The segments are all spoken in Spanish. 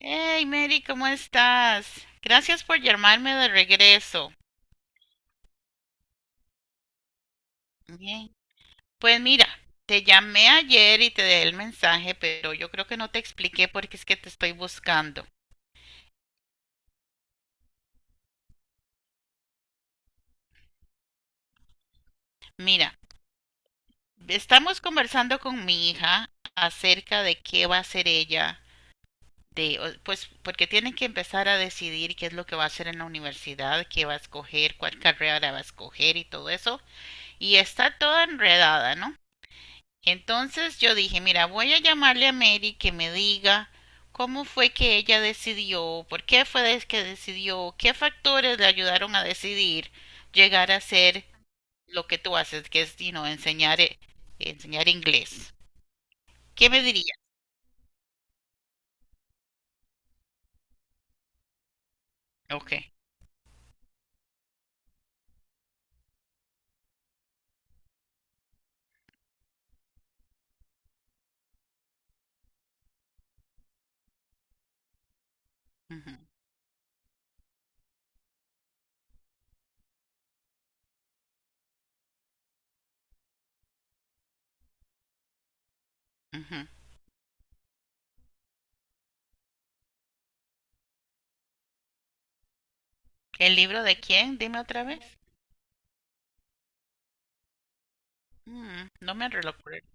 Hey Mary, ¿cómo estás? Gracias por llamarme de regreso. Bien. Pues mira, te llamé ayer y te dejé el mensaje, pero yo creo que no te expliqué por qué es que te estoy buscando. Mira, estamos conversando con mi hija acerca de qué va a hacer ella, pues porque tiene que empezar a decidir qué es lo que va a hacer en la universidad, qué va a escoger, cuál carrera va a escoger y todo eso. Y está toda enredada, ¿no? Entonces yo dije, mira, voy a llamarle a Mary que me diga cómo fue que ella decidió, por qué fue que decidió, qué factores le ayudaron a decidir llegar a ser lo que tú haces, que es, enseñar inglés. ¿Qué me diría? Ok. Ujú, ujú. ¿El libro de quién? Dime otra vez. No me lo acuerdo.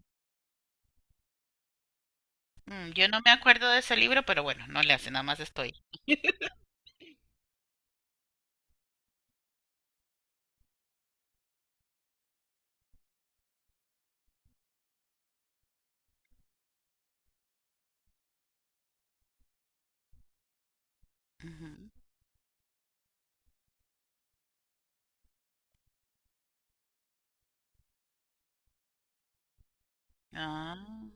Yo no me acuerdo de ese libro, pero bueno, no le hace, nada más estoy. Ujú. Ah.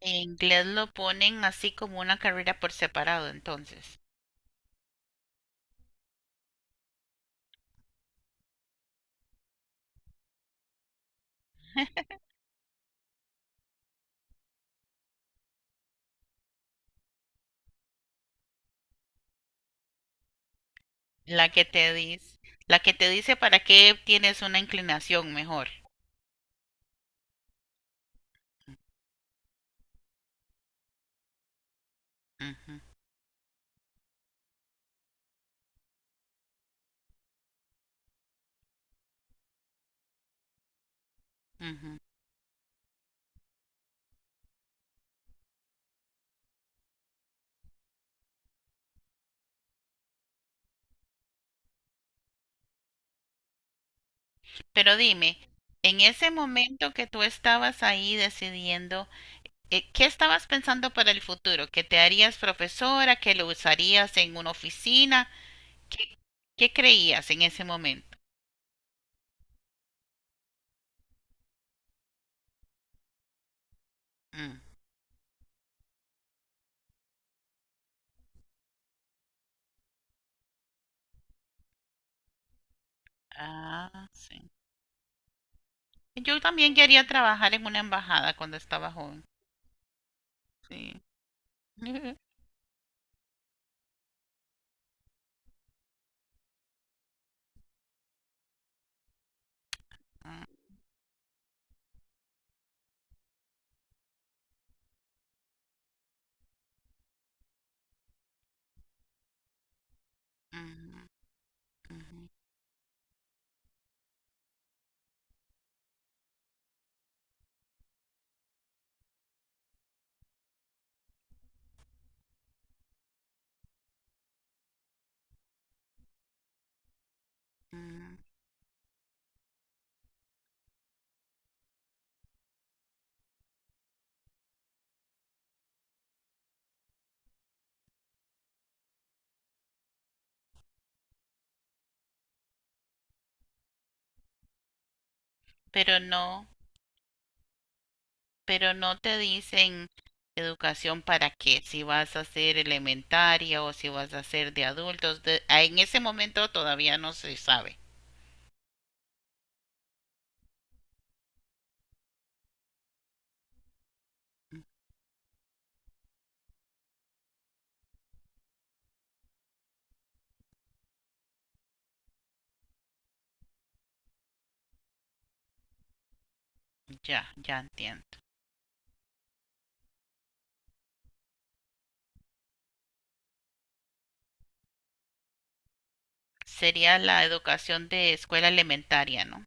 En inglés lo ponen así como una carrera por separado, entonces. La que te dice, la que te dice para qué tienes una inclinación mejor. Ujú, ujú. Pero dime, en ese momento que tú estabas ahí decidiendo, ¿qué estabas pensando para el futuro? ¿Que te harías profesora? ¿Que lo usarías en una oficina? ¿Qué, qué creías en ese momento? Mm. Ah, sí. Yo también quería trabajar en una embajada cuando estaba joven. Sí. Ujú, ujú, ujú. Pero no, pero no te dicen educación para qué, si vas a hacer elementaria o si vas a hacer de adultos, ah, en ese momento todavía no se sabe. Ya, ya entiendo. Sería la educación de escuela elementaria, ¿no?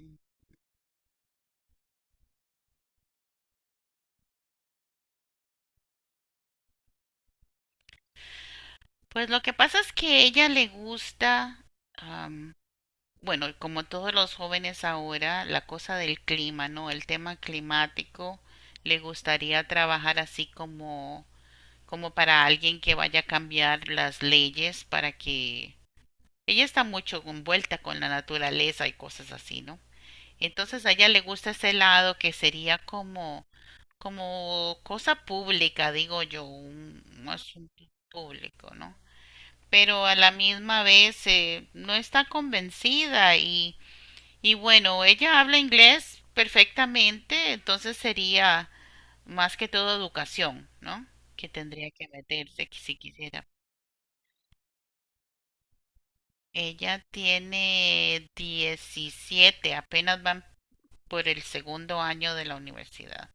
Mm. Pues lo que pasa es que a ella le gusta, am, bueno, como todos los jóvenes ahora, la cosa del clima, ¿no? El tema climático, le gustaría trabajar así como para alguien que vaya a cambiar las leyes para que ella está mucho envuelta con la naturaleza y cosas así, ¿no? Entonces a ella le gusta ese lado que sería como cosa pública, digo yo, un asunto público, ¿no? Pero a la misma vez no está convencida y bueno, ella habla inglés perfectamente, entonces sería más que todo educación, ¿no? Que tendría que meterse que si quisiera. Ella tiene 17. Apenas van por el segundo año de la universidad.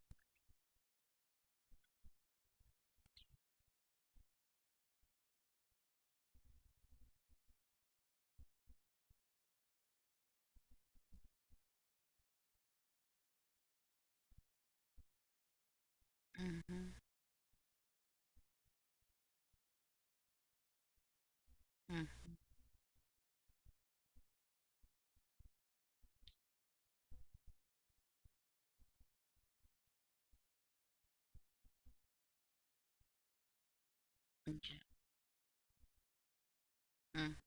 Ujú, mm, ya, mm.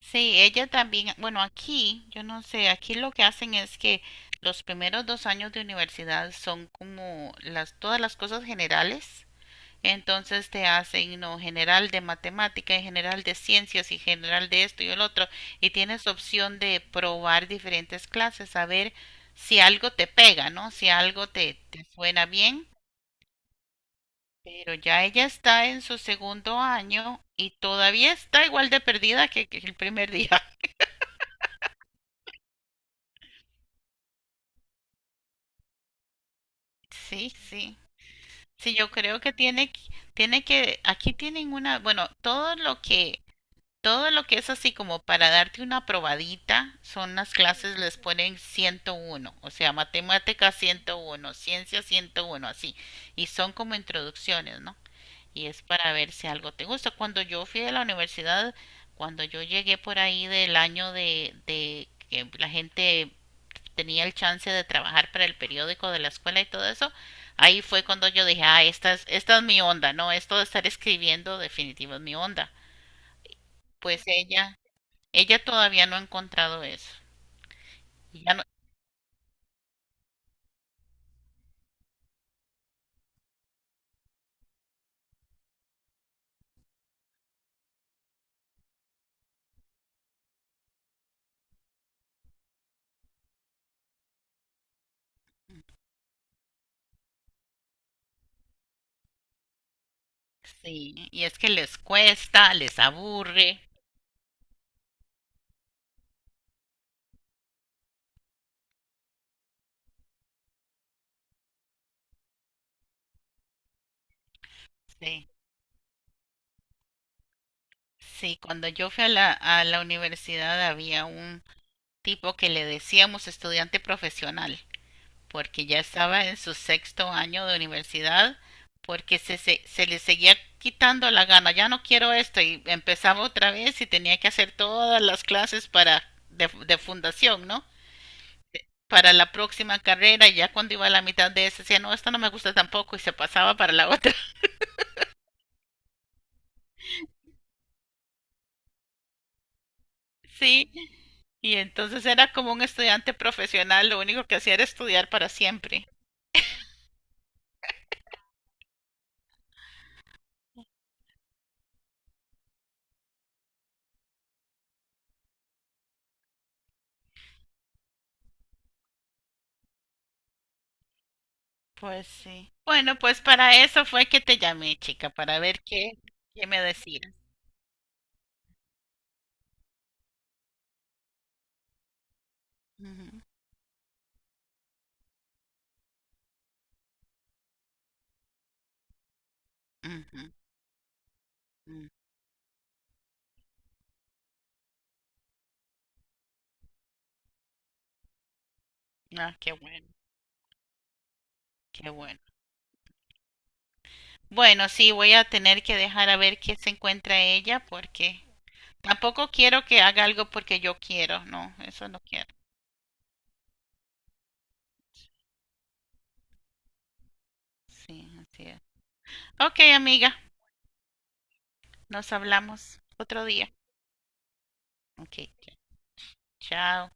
Sí, ella también, bueno, aquí, yo no sé, aquí lo que hacen es que los primeros 2 años de universidad son como todas las cosas generales. Entonces te hacen no general de matemática y general de ciencias y general de esto y el otro y tienes opción de probar diferentes clases a ver si algo te pega, ¿no? Si algo te suena bien. Pero ya ella está en su segundo año y todavía está igual de perdida que el primer día. Sí, sí. Sí, yo creo que tiene que, aquí tienen una, bueno, Todo lo que es así como para darte una probadita son las clases, les ponen 101, o sea, matemática 101, ciencia 101, así. Y son como introducciones, ¿no? Y es para ver si algo te gusta. Cuando yo fui a la universidad, cuando yo llegué por ahí del año de que la gente tenía el chance de trabajar para el periódico de la escuela y todo eso, ahí fue cuando yo dije, ah, esta es mi onda, ¿no? Esto de estar escribiendo definitivo es mi onda. Pues ella todavía no ha encontrado eso. Y ya no, sí, y es que les cuesta, les aburre. Sí, sí, cuando yo fui a la universidad había un tipo que le decíamos estudiante profesional, porque ya estaba en su sexto año de universidad, porque se le seguía quitando la gana, ya no quiero esto, y empezaba otra vez y tenía que hacer todas las clases para de fundación, ¿no? Para la próxima carrera, y ya cuando iba a la mitad de esa decía, no, esta no me gusta tampoco y se pasaba para la otra. Sí, y entonces era como un estudiante profesional, lo único que hacía era estudiar para siempre. Pues sí. Bueno, pues para eso fue que te llamé, chica, para ver qué me decías. Ujú, ujú, ujú. Ah, qué bueno, qué bueno. Bueno, sí, voy a tener que dejar a ver qué se encuentra ella porque tampoco quiero que haga algo porque yo quiero, no, eso no quiero. Sí, así es. Ok, amiga, nos hablamos otro día. Ok, ok. Chao.